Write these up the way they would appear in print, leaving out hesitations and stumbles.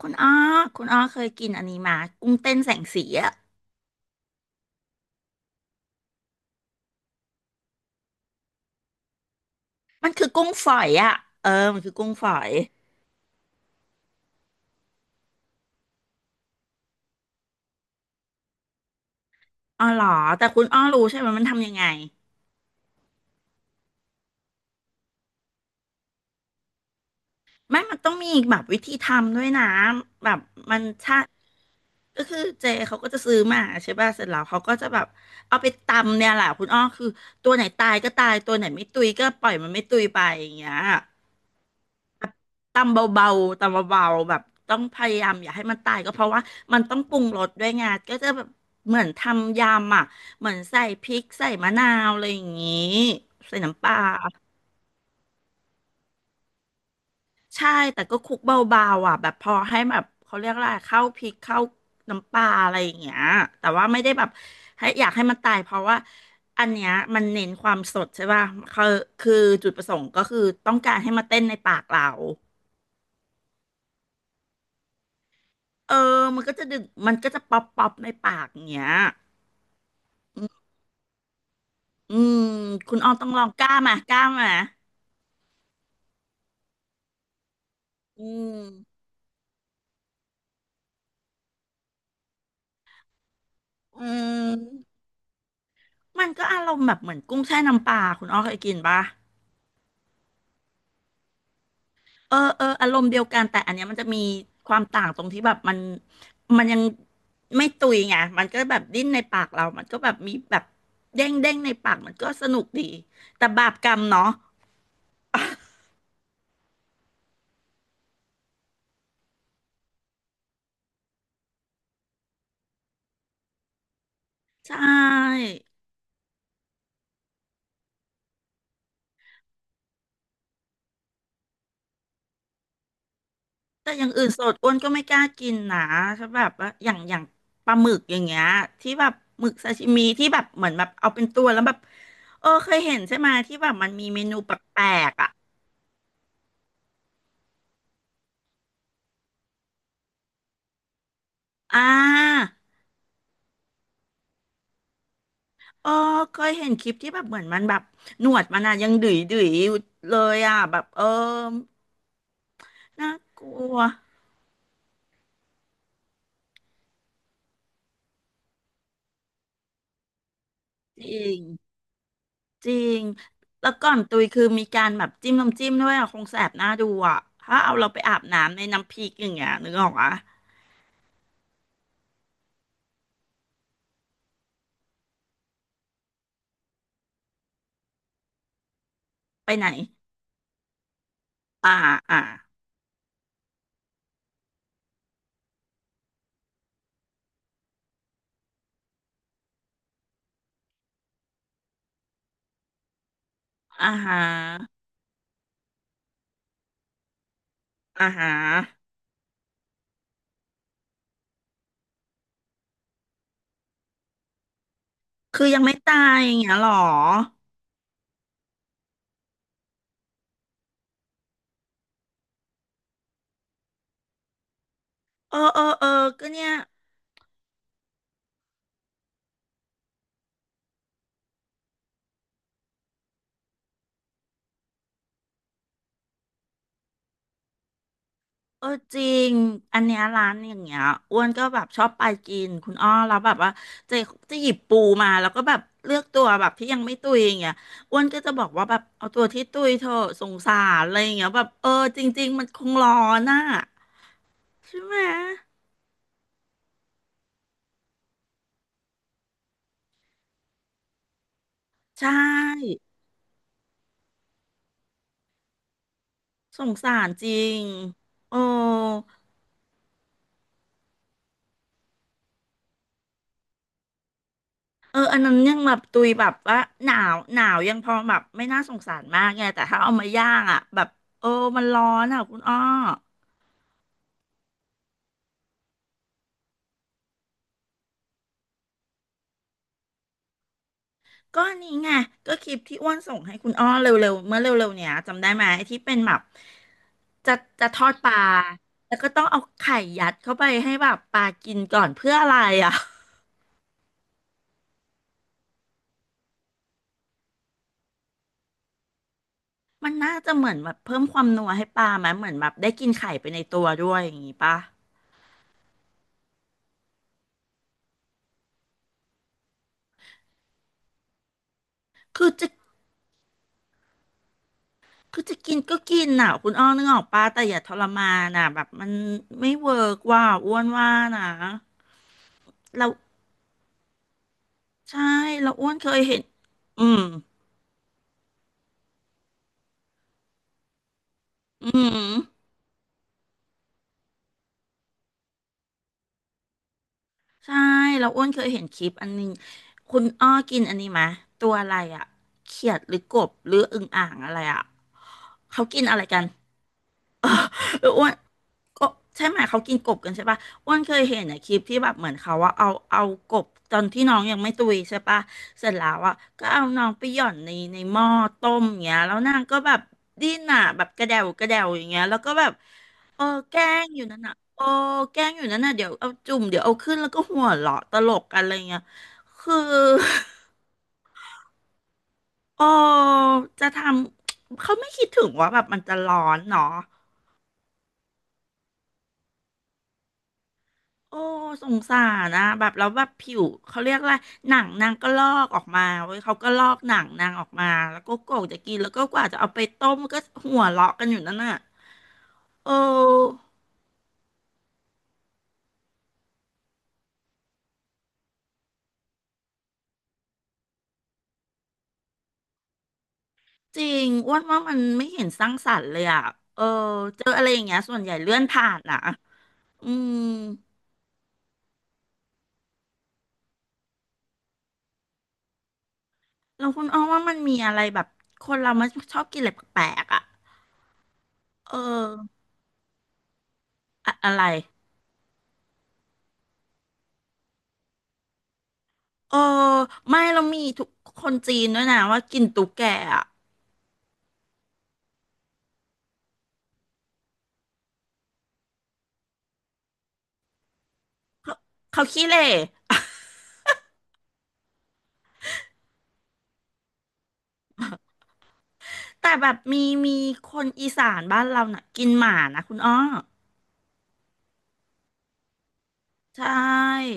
คุณอ้อ คุณอ้อเคยกินอันนี้มากุ้งเต้นแสงสีอ่ะมันคือกุ้งฝอยอ่ะเออ มันคือกุ้งฝอยอ๋อเหรอ แต่คุณอ้อรู้ใช่ไหมมันทำยังไงไม่มันต้องมีแบบวิธีทำด้วยนะแบบมันชาก็คือเจเขาก็จะซื้อมาใช่ป่ะเสร็จแล้วเขาก็จะแบบเอาไปตำเนี่ยแหละคุณอ้อคือตัวไหนตายก็ตายตัวไหนไม่ตุยก็ปล่อยมันไม่ตุยไปอย่างเงี้ย ตำเบาๆตำเบาๆแบบต้องพยายามอย่าให้มันตายก็เพราะว่ามันต้องปรุงรสด้วยไงก็จะแบบเหมือนทำยำอ่ะเหมือนใส่พริกใส่มะนาวอะไรอย่างงี้ใส่น้ำปลาใช่แต่ก็คลุกเบาๆอ่ะแบบพอให้แบบเขาเรียกอะไรเข้าพริกเข้าน้ำปลาอะไรอย่างเงี้ยแต่ว่าไม่ได้แบบให้อยากให้มันตายเพราะว่าอันเนี้ยมันเน้นความสดใช่ป่ะคือคือจุดประสงค์ก็คือต้องการให้มาเต้นในปากเรา เออมันก็จะดึกมันก็จะป๊อปป๊อปในปากอย่างเงี้ยอืมคุณออมต้องลองกล้ามากล้ามาอืมอืมมันก็อารมณ์แบบเหมือนกุ้งแช่น้ำปลาคุณอ้อเคยกินปะเออเอออารมณ์เดียวกันแต่อันเนี้ยมันจะมีความต่างตรงที่แบบมันยังไม่ตุยไงมันก็แบบดิ้นในปากเรามันก็แบบมีแบบเด้งเด้งในปากมันก็สนุกดีแต่บาปกรรมเนาะใช่ แต่อย่างอื่นสดอ้วนก็ไม่กล้ากินนะถ้าแบบว่าอย่างปลาหมึกอย่างเงี้ยที่แบบหมึกซาชิมิที่แบบเหมือนแบบเอาเป็นตัวแล้วแบบเออเคยเห็นใช่ไหมที่แบบมันมีเมนูแปลกๆอ่ะอ่าเออเคยเห็นคลิปที่แบบเหมือนมันแบบหนวดมันอะยังดุยดุยอยู่เลยอ่ะแบบเออน่ากลัวจริงจริงแล้วก่อนตุยคือมีการแบบจิ้มน้ำจิ้มด้วยอ่ะคงแสบหน้าดูอ่ะถ้าเอาเราไปอาบน้ำในน้ำพริกอย่างเงี้ยนึกออกอ่ะไปไหน อ่าอ่าอ่าฮะอ่าฮะคือยังไม่ตายอย่างเงี้ยหรอเออเออเออก็เนี่ยเออจริงอันเนี้ยร้านอย่างเงี้ยอ้วนก็แบบชอบไปกินคุณอ้อแล้วแบบว่าจะจะหยิบปูมาแล้วก็แบบเลือกตัวแบบที่ยังไม่ตุยอย่างเงี้ยอ้วนก็จะบอกว่าแบบเอาตัวที่ตุยเถอะสงสารอะไรอย่างเงี้ยแบบเออจริงๆมันคงร้อนน่ะใช่ไหมใช่สงสารจริงโอ้ เอออันนั้นยังแบบตุยแบบว่าหนาวหนาวยังพอแบบไม่น่าสงสารมากไงแต่ถ้าเอามาย่างอ่ะแบบเออมันร้อนอ่ะคุณอ้อก็อันนี้ไงก็คลิปที่อ้วนส่งให้คุณอ้อเร็วๆเมื่อเร็วๆเนี่ยจำได้ไหมที่เป็นแบบจะจะทอดปลาแล้วก็ต้องเอาไข่ยัดเข้าไปให้แบบปลากินก่อนเพื่ออะไรอ่ะ มันน่าจะเหมือนแบบเพิ่มความนัวให้ปลาไหมเหมือนแบบได้กินไข่ไปในตัวด้วยอย่างงี้ปะคือจะ คือจะกินก็กินน่ะคุณอ้อนึกออกปะแต่อย่าทรมานน่ะแบบมันไม่เวิร์กว่าอ้วนว่านะเราใช่เราอ้วนเคยเห็นอืมอืมใช่เราอ้วนเคยเห็นคลิปอันนึงคุณอ้อกินอันนี้ไหมะตัวอะไรอะเขียดหรือกบหรืออึ่งอ่างอะไรอะเขากินอะไรกัน เอออ้วนก็ใช่ไหมเขากินกบกันใช่ปะอ้วนเคยเห็นในคลิปที่แบบเหมือนเขาว่าเอากบตอนที่น้องยังไม่ตุยใช่ปะเสร็จแล้วอ่ะก็เอาน้องไปหย่อนในหม้อต้มอย่างเงี้ยแล้วนางก็แบบดิ้นอ่ะแบบกระเดวกระเดวอย่างเงี้ยแล้วก็แบบเออแกล้งอยู่นั่นอ่ะโอ้แกล้งอยู่นั่นน่ะเดี๋ยวเอาจุ่มเดี๋ยวเอาขึ้นแล้วก็หัวเราะตลกกันอะไรเงี้ยคือ โอ้จะทำ เขาไม่คิดถึงว่าแบบมันจะร้อนเนาะ โอ้สงสารนะแบบแล้วแบบผิวเขาเรียกว่าหนังนางก็ลอกออกมาเว้ยเขาก็ลอกหนังนางออกมาแล้วก็โกะจะกินแล้วก็กว่าจะเอาไปต้มก็หัวเราะกันอยู่นั่นน่ะเออจริงอ้วนว่ามันไม่เห็นสร้างสรรค์เลยอ่ะเออเจออะไรอย่างเงี้ยส่วนใหญ่เลื่อนผ่านอ่ะอืมแล้วคุณอ้อว่ามันมีอะไรแบบคนเรามันชอบกินอะไรแปลกๆอ่ะเอออะไรเออไม่เรามีทุกคนจีนด้วยนะว่ากินตุ๊กแกอ่ะเขาขี้เหร่ แต่แบบมีคนอีสานบ้านเราน่ะกินหมานะคุณอ้อใช่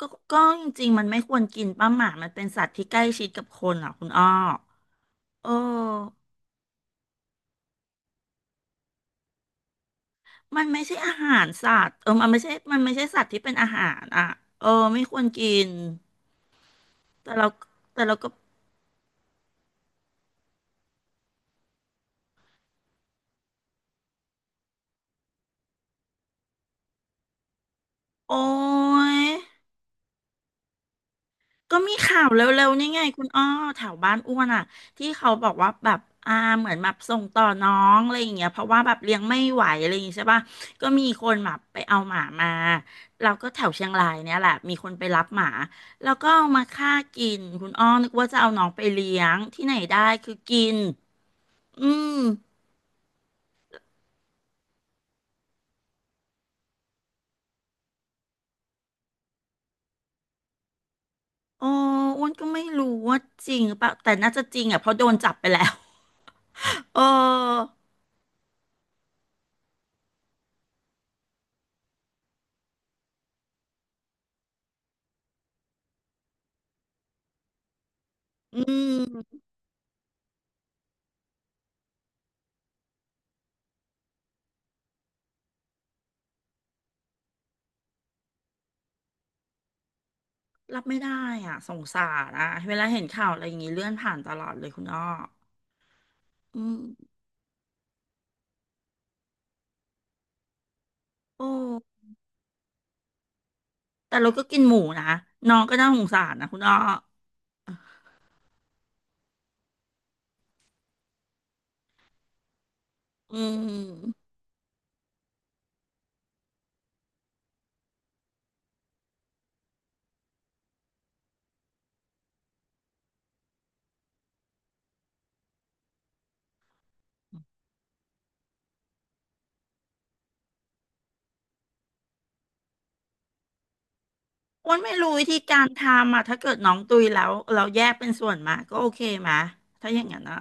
ก็ก็จริงๆมันไม่ควรกินป้าหมามันเป็นสัตว์ที่ใกล้ชิดกับคนอ่ะคุณอ้อเออมันไม่ใช่อาหารสัตว์เออมันไม่ใช่มันไม่ใช่สัตว์ที่เป็นอาหารอ่ะเออไม่ควรกินแต่เราแต่เราก็โอ้ย ก็มีข่าวเร็วๆนี่ไงคุณอ้อแถวบ้านอ้วนอ่ะที่เขาบอกว่าแบบอ่าเหมือนแบบส่งต่อน้องอะไรอย่างเงี้ยเพราะว่าแบบเลี้ยงไม่ไหวอะไรอย่างเงี้ยใช่ป่ะก็มีคนแบบไปเอาหมามาเราก็แถวเชียงรายเนี่ยแหละมีคนไปรับหมาแล้วก็เอามาฆ่ากินคุณอ้อนึกว่าจะเอาน้องไปเลี้ยงที่ไหนได้คือกินอืมโอ้อ้วนก็ไม่รู้ว่าจริงหรือเปล่าแต่น่าจะจริงอ่ะเพราะโดนจับไปแล้ว เอออืม รับไม่ได้อ่ะสงสารอ่ะเวลาเห็นข่าวอะไรอย่างงี้เลื่อนผ่านตลอดเลยคุณอ้ออืมโอ้แต่เราก็กินหมูนะน้องก็น่าสงสารนะคุณอ้ออืมอ้วนไม่รู้วิธีการทำอ่ะถ้าเกิดน้องตุยแล้วเราแยกเป็นส่วนมาก็โอเคไหมถ้าอย่างนั้นอ่ะ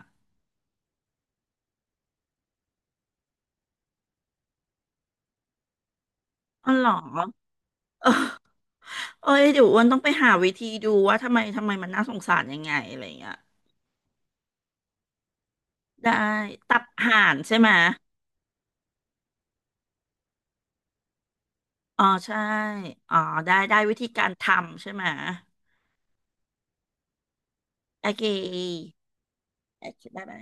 อ๋อเหรอเออเอ้ยเดี๋ยวอ้วนต้องไปหาวิธีดูว่าทำไมมันน่าสงสารยังไงอะไรอย่างเงี้ยได้ตับห่านใช่ไหมอ๋อใช่อ๋อได้ได้วิธีการทำใช่ไหมโอเค โอเคบ๊ายบา